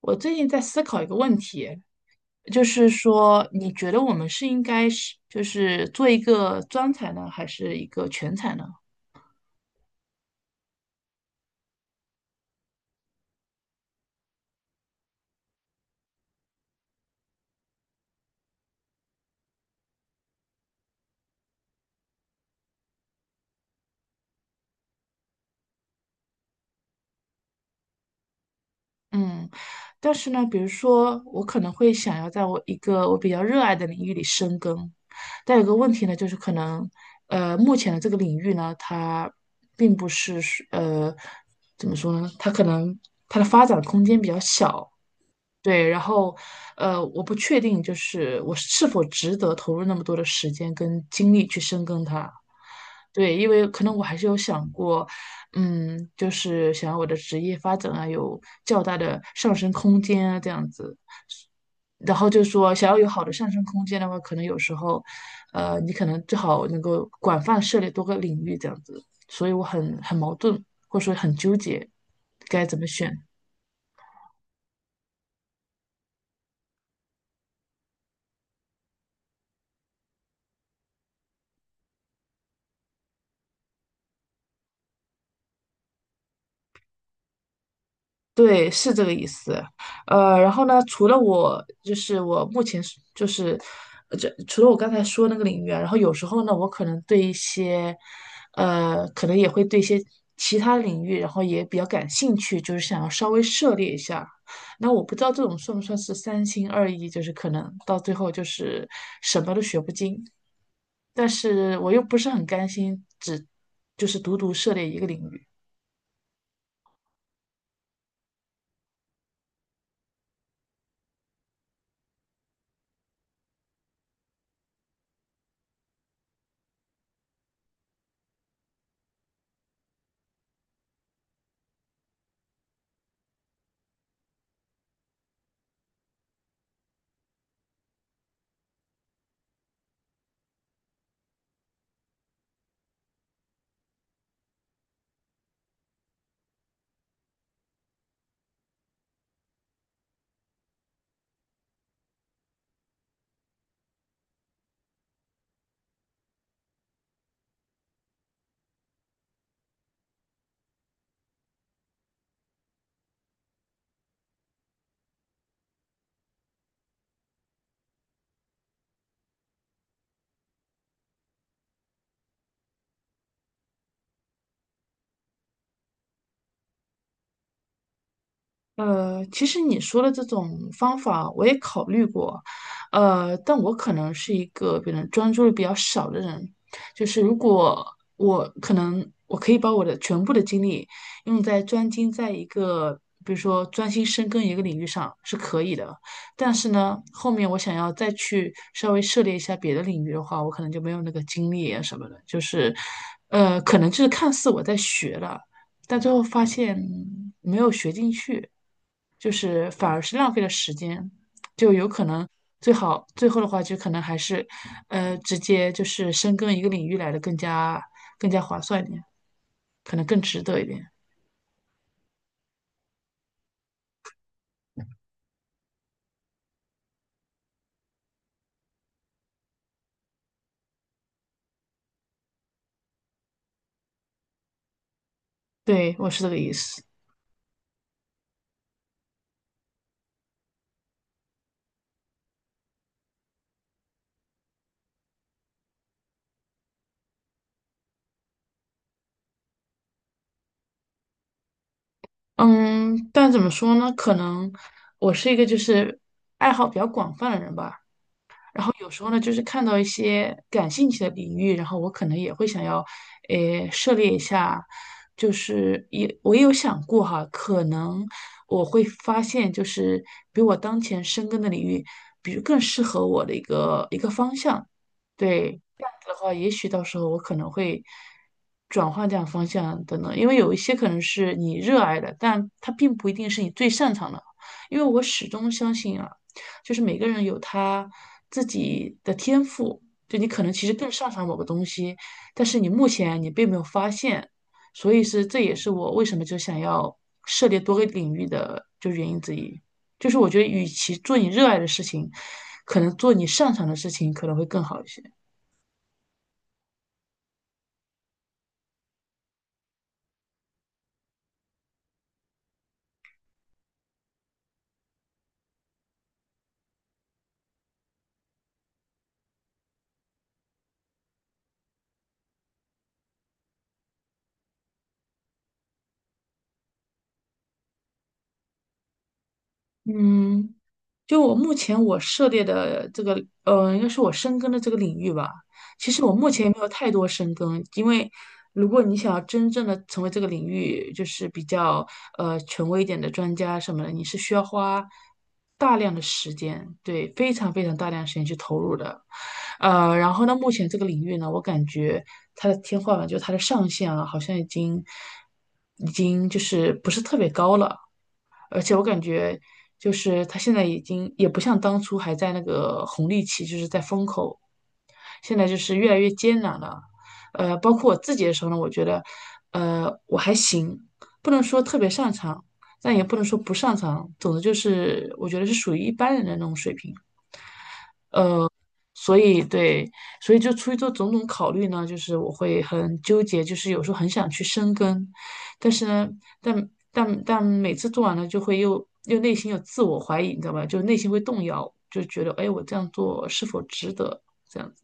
我最近在思考一个问题，就是说，你觉得我们应该是就是做一个专才呢，还是一个全才呢？嗯，但是呢，比如说，我可能会想要在我一个我比较热爱的领域里深耕，但有个问题呢，就是可能，目前的这个领域呢，它并不是呃，怎么说呢？它可能它的发展空间比较小，对，然后，我不确定，就是我是否值得投入那么多的时间跟精力去深耕它。对，因为可能我还是有想过，嗯，就是想要我的职业发展啊，有较大的上升空间啊，这样子。然后就说，想要有好的上升空间的话，可能有时候，你可能最好能够广泛涉猎多个领域这样子。所以我很矛盾，或者说很纠结，该怎么选。对，是这个意思。然后呢，除了我，就是我目前是就是，除了我刚才说那个领域啊，然后有时候呢，我可能对一些，可能也会对一些其他领域，然后也比较感兴趣，就是想要稍微涉猎一下。那我不知道这种算不算是三心二意，就是可能到最后就是什么都学不精，但是我又不是很甘心只就是独独涉猎一个领域。其实你说的这种方法我也考虑过，但我可能是一个别人专注力比较少的人，就是如果我可以把我的全部的精力用在专精在一个，比如说专心深耕一个领域上是可以的，但是呢，后面我想要再去稍微涉猎一下别的领域的话，我可能就没有那个精力啊什么的，就是，可能就是看似我在学了。但最后发现没有学进去，就是反而是浪费了时间，就有可能最好最后的话就可能还是，直接就是深耕一个领域来的更加划算一点，可能更值得一点。对，我是这个意思。嗯，但怎么说呢？可能我是一个就是爱好比较广泛的人吧，然后有时候呢，就是看到一些感兴趣的领域，然后我可能也会想要，诶，涉猎一下。就是我也有想过哈，可能我会发现，就是比我当前深耕的领域，比如更适合我的一个方向。对，这样子的话，也许到时候我可能会转换这样方向等等，因为有一些可能是你热爱的，但它并不一定是你最擅长的。因为我始终相信啊。就是每个人有他自己的天赋，就你可能其实更擅长某个东西，但是你目前你并没有发现，所以是这也是我为什么就想要涉猎多个领域的就原因之一，就是我觉得与其做你热爱的事情，可能做你擅长的事情可能会更好一些。嗯，就我目前我涉猎的这个，应该是我深耕的这个领域吧。其实我目前也没有太多深耕，因为如果你想要真正的成为这个领域就是比较权威一点的专家什么的，你是需要花大量的时间，对，非常非常大量的时间去投入的。然后呢，目前这个领域呢，我感觉它的天花板，就是它的上限啊，好像已经就是不是特别高了。而且我感觉就是他现在已经也不像当初还在那个红利期，就是在风口，现在就是越来越艰难了。包括我自己的时候呢，我觉得，我还行，不能说特别擅长，但也不能说不擅长，总之就是我觉得是属于一般人的那种水平。所以对，所以就出于这种种考虑呢，就是我会很纠结，就是有时候很想去深耕，但是呢，但每次做完了就会又内心有自我怀疑，你知道吧？就内心会动摇，就觉得哎，我这样做是否值得？这样子，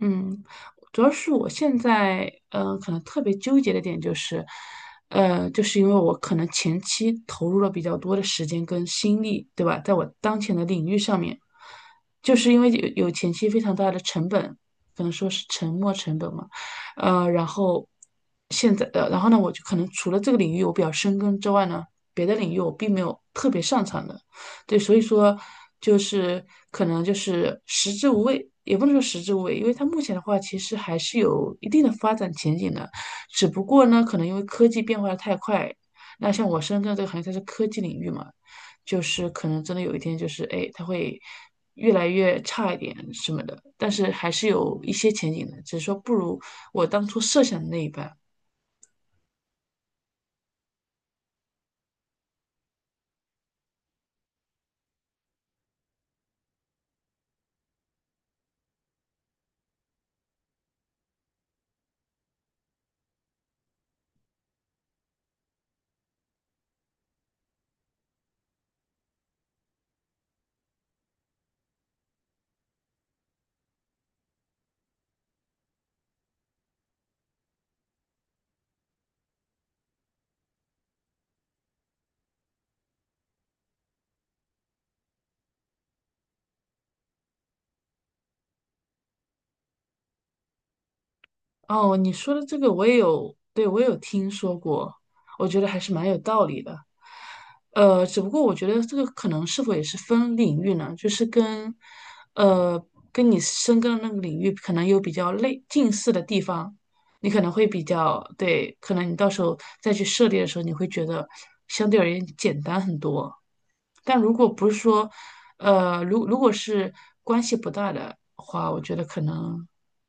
嗯。主要是我现在，可能特别纠结的点就是，就是因为我可能前期投入了比较多的时间跟心力，对吧？在我当前的领域上面，就是因为有前期非常大的成本，可能说是沉没成本嘛，然后现在，然后呢，我就可能除了这个领域我比较深耕之外呢，别的领域我并没有特别擅长的。对，所以说就是可能就是食之无味，也不能说食之无味，因为它目前的话其实还是有一定的发展前景的，只不过呢，可能因为科技变化的太快，那像我深圳这个行业它是科技领域嘛，就是可能真的有一天就是哎，它会越来越差一点什么的，但是还是有一些前景的，只是说不如我当初设想的那一半。哦，你说的这个我也有，对，我也有听说过，我觉得还是蛮有道理的。只不过我觉得这个可能是否也是分领域呢，就是跟，呃，跟你深耕的那个领域可能有比较类近似的地方，你可能会比较，对，可能你到时候再去涉猎的时候，你会觉得相对而言简单很多。但如果不是说，如果是关系不大的话，我觉得可能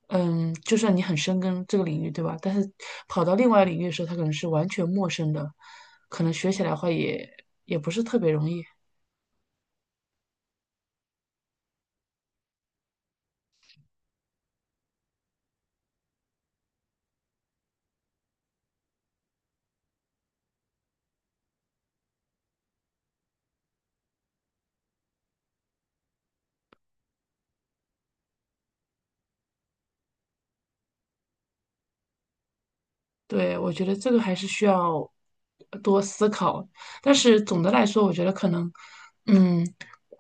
嗯，就算你很深耕这个领域，对吧？但是跑到另外领域的时候，它可能是完全陌生的，可能学起来的话也不是特别容易。对，我觉得这个还是需要多思考。但是总的来说，我觉得可能，嗯，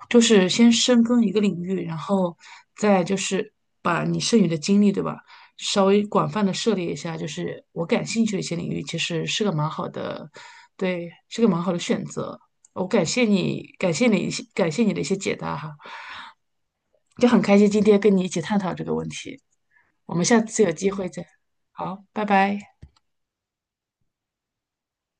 就是先深耕一个领域，然后再就是把你剩余的精力，对吧？稍微广泛的涉猎一下，就是我感兴趣的一些领域，其实是个蛮好的，对，是个蛮好的选择。我感谢你，感谢你一些感谢你的一些解答哈，就很开心今天跟你一起探讨这个问题。我们下次有机会再，好，拜拜。